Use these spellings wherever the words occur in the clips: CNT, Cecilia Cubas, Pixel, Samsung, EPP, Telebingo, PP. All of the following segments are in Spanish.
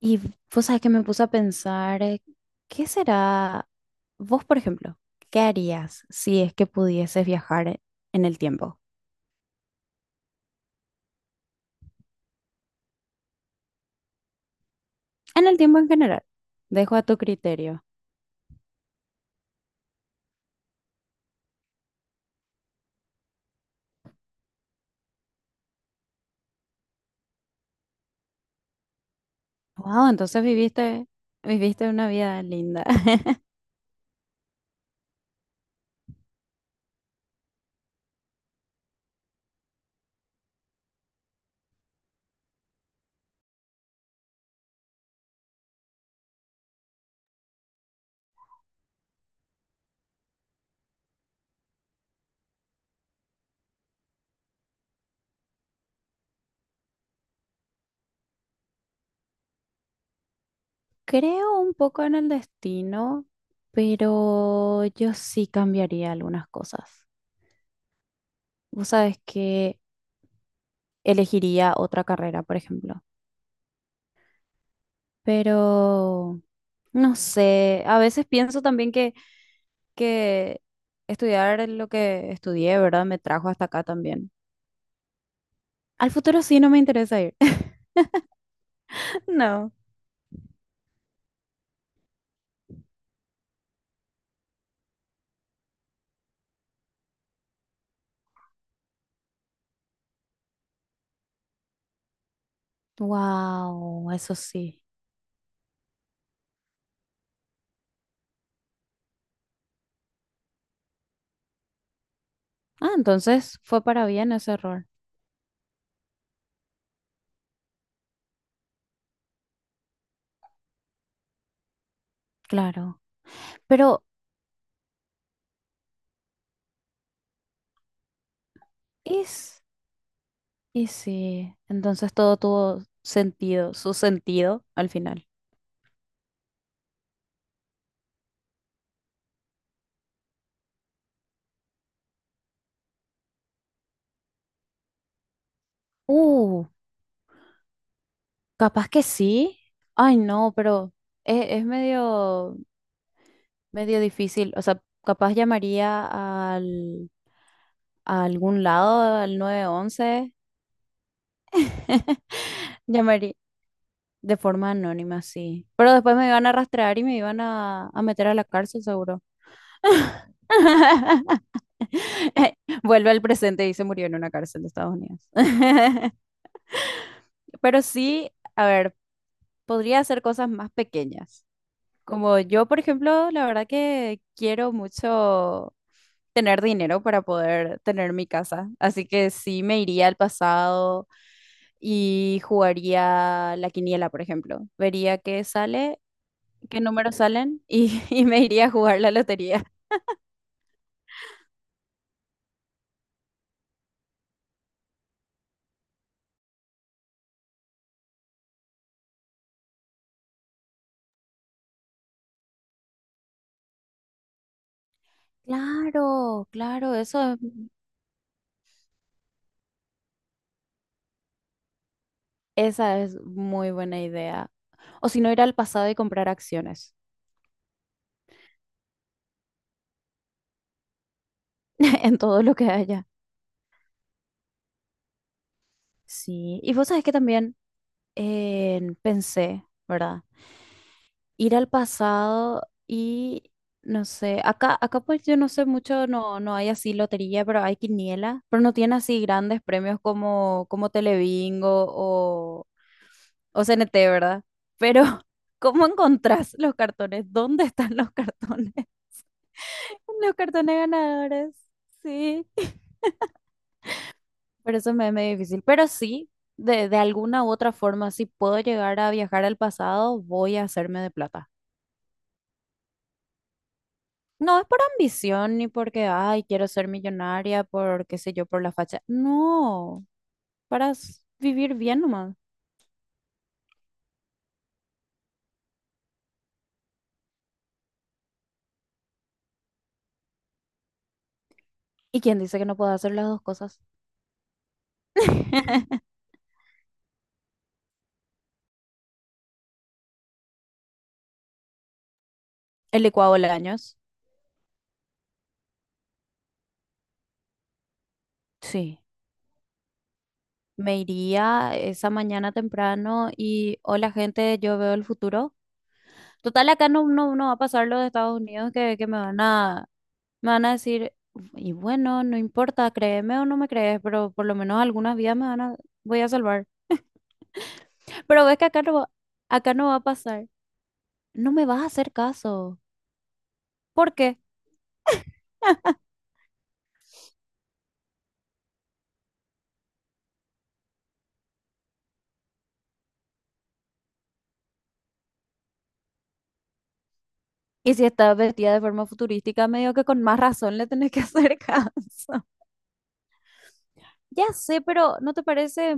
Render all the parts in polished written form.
Y vos sabés que me puse a pensar, ¿qué será vos, por ejemplo? ¿Qué harías si es que pudieses viajar en el tiempo? En el tiempo en general. Dejo a tu criterio. Wow, entonces viviste, viviste una vida linda. Creo un poco en el destino, pero yo sí cambiaría algunas cosas. Vos sabés que elegiría otra carrera, por ejemplo. Pero no sé, a veces pienso también que que estudiar lo que estudié, ¿verdad? Me trajo hasta acá también. Al futuro sí no me interesa ir. No. Wow, eso sí. Ah, entonces fue para bien ese error. Claro. Pero es, y sí, entonces todo tuvo sentido, su sentido al final. Uh, capaz que sí. Ay, no, pero es medio, medio difícil. O sea, capaz llamaría al, a algún lado, al 911. Llamaría de forma anónima, sí. Pero después me iban a rastrear y me iban a meter a la cárcel, seguro. Vuelve al presente y se murió en una cárcel de Estados Unidos. Pero sí, a ver, podría hacer cosas más pequeñas. Como yo, por ejemplo, la verdad que quiero mucho tener dinero para poder tener mi casa. Así que sí me iría al pasado y jugaría la quiniela, por ejemplo. Vería qué sale, qué números salen y me iría a jugar la lotería. Claro, claro, esa es muy buena idea. O si no, ir al pasado y comprar acciones en todo lo que haya. Sí, y vos sabés que también pensé, ¿verdad? Ir al pasado y no sé, acá, acá pues yo no sé mucho, no, no hay así lotería, pero hay quiniela, pero no tiene así grandes premios como, como Telebingo o CNT, ¿verdad? Pero, ¿cómo encontrás los cartones? ¿Dónde están los cartones? Los cartones ganadores, sí. Pero eso me es medio difícil, pero sí, de alguna u otra forma, si puedo llegar a viajar al pasado, voy a hacerme de plata. No es por ambición ni porque, ay, quiero ser millonaria, por qué sé yo, por la facha. No, vivir bien nomás. ¿Y quién dice que no puedo hacer las dos cosas? El licuado de años. Sí. Me iría esa mañana temprano y, hola gente, yo veo el futuro. Total, acá no, no, no va a pasar lo de Estados Unidos que me van a. Me van a decir, y bueno, no importa, créeme o no me crees, pero por lo menos algunas vidas me van voy a salvar. Pero ves que acá no va a pasar. No me vas a hacer caso. ¿Por qué? Y si estás vestida de forma futurística, medio que con más razón le tenés que hacer caso. Ya sé, pero ¿no te parece?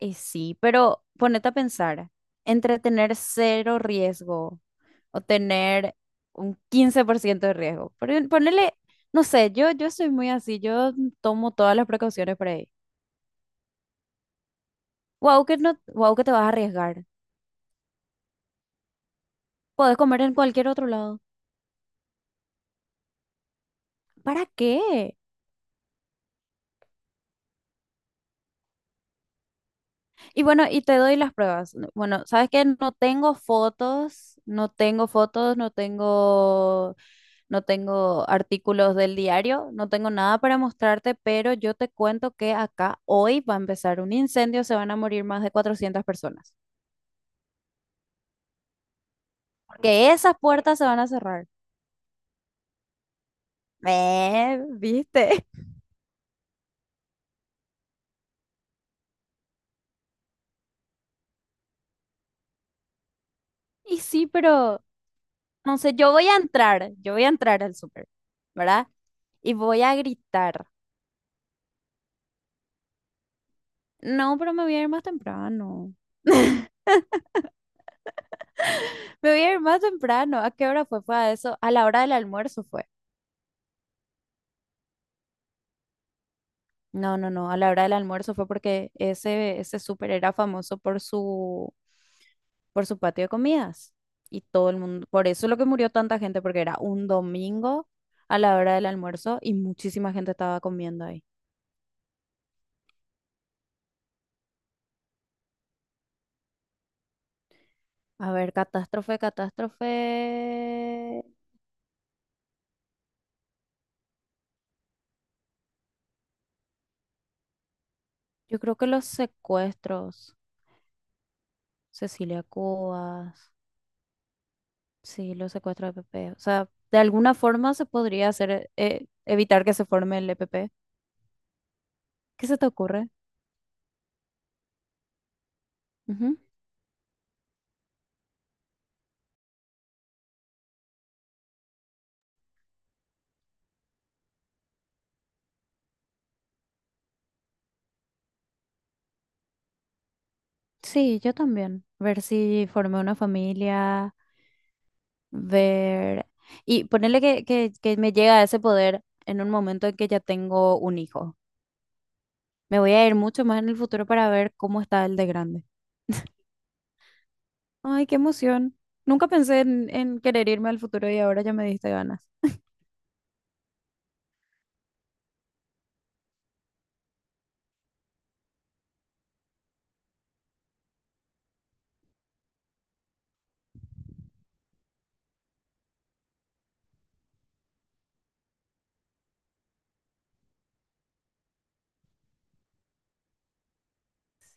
Sí, pero ponete a pensar. Entretener cero riesgo. O tener un 15% de riesgo. Pero ponerle, no sé, yo soy muy así, yo tomo todas las precauciones por ahí. Wow, que no, wow, que te vas a arriesgar. Puedes comer en cualquier otro lado. ¿Para qué? Y bueno, y te doy las pruebas. No. Bueno, sabes que no tengo fotos, no tengo fotos, no tengo, no tengo artículos del diario, no tengo nada para mostrarte, pero yo te cuento que acá hoy va a empezar un incendio, se van a morir más de 400 personas. Que esas puertas se van a cerrar. ¿Viste? Y sí, pero no sé, yo voy a entrar, yo voy a entrar al súper, ¿verdad? Y voy a gritar. No, pero me voy a ir más temprano. Me voy a ir más temprano. ¿A qué hora fue? Fue a eso. A la hora del almuerzo fue. No, no, no, a la hora del almuerzo fue porque ese súper era famoso por su patio de comidas. Y todo el mundo, por eso es lo que murió tanta gente, porque era un domingo a la hora del almuerzo y muchísima gente estaba comiendo ahí. A ver, catástrofe, catástrofe. Yo creo que los secuestros, Cecilia Cubas, sí, los secuestros de PP. O sea, de alguna forma se podría hacer, evitar que se forme el EPP. ¿Qué se te ocurre? Sí, yo también. Ver si formé una familia, ver... Y ponerle que me llega a ese poder en un momento en que ya tengo un hijo. Me voy a ir mucho más en el futuro para ver cómo está el de grande. Ay, qué emoción. Nunca pensé en querer irme al futuro y ahora ya me diste ganas.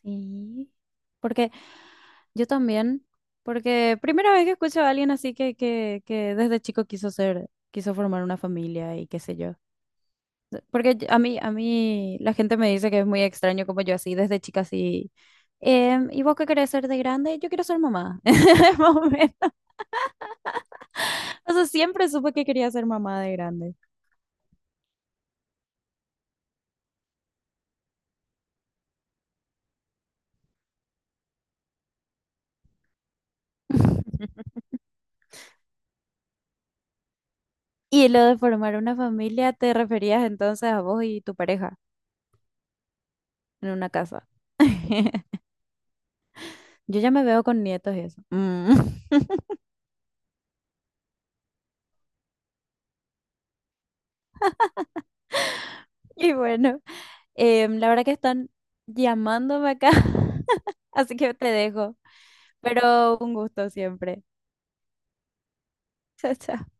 Sí. Porque yo también, porque primera vez que escucho a alguien así que desde chico quiso ser, quiso formar una familia y qué sé yo. Porque yo, a mí la gente me dice que es muy extraño como yo así, desde chica así. Em, ¿y vos qué querés ser de grande? Yo quiero ser mamá. Más o menos. O sea, siempre supe que quería ser mamá de grande. Y lo de formar una familia, ¿te referías entonces a vos y tu pareja en una casa? Yo ya me veo con nietos y eso. Mm. Y bueno, em, la verdad que están llamándome acá, así que te dejo. Pero un gusto siempre. Chao, chao.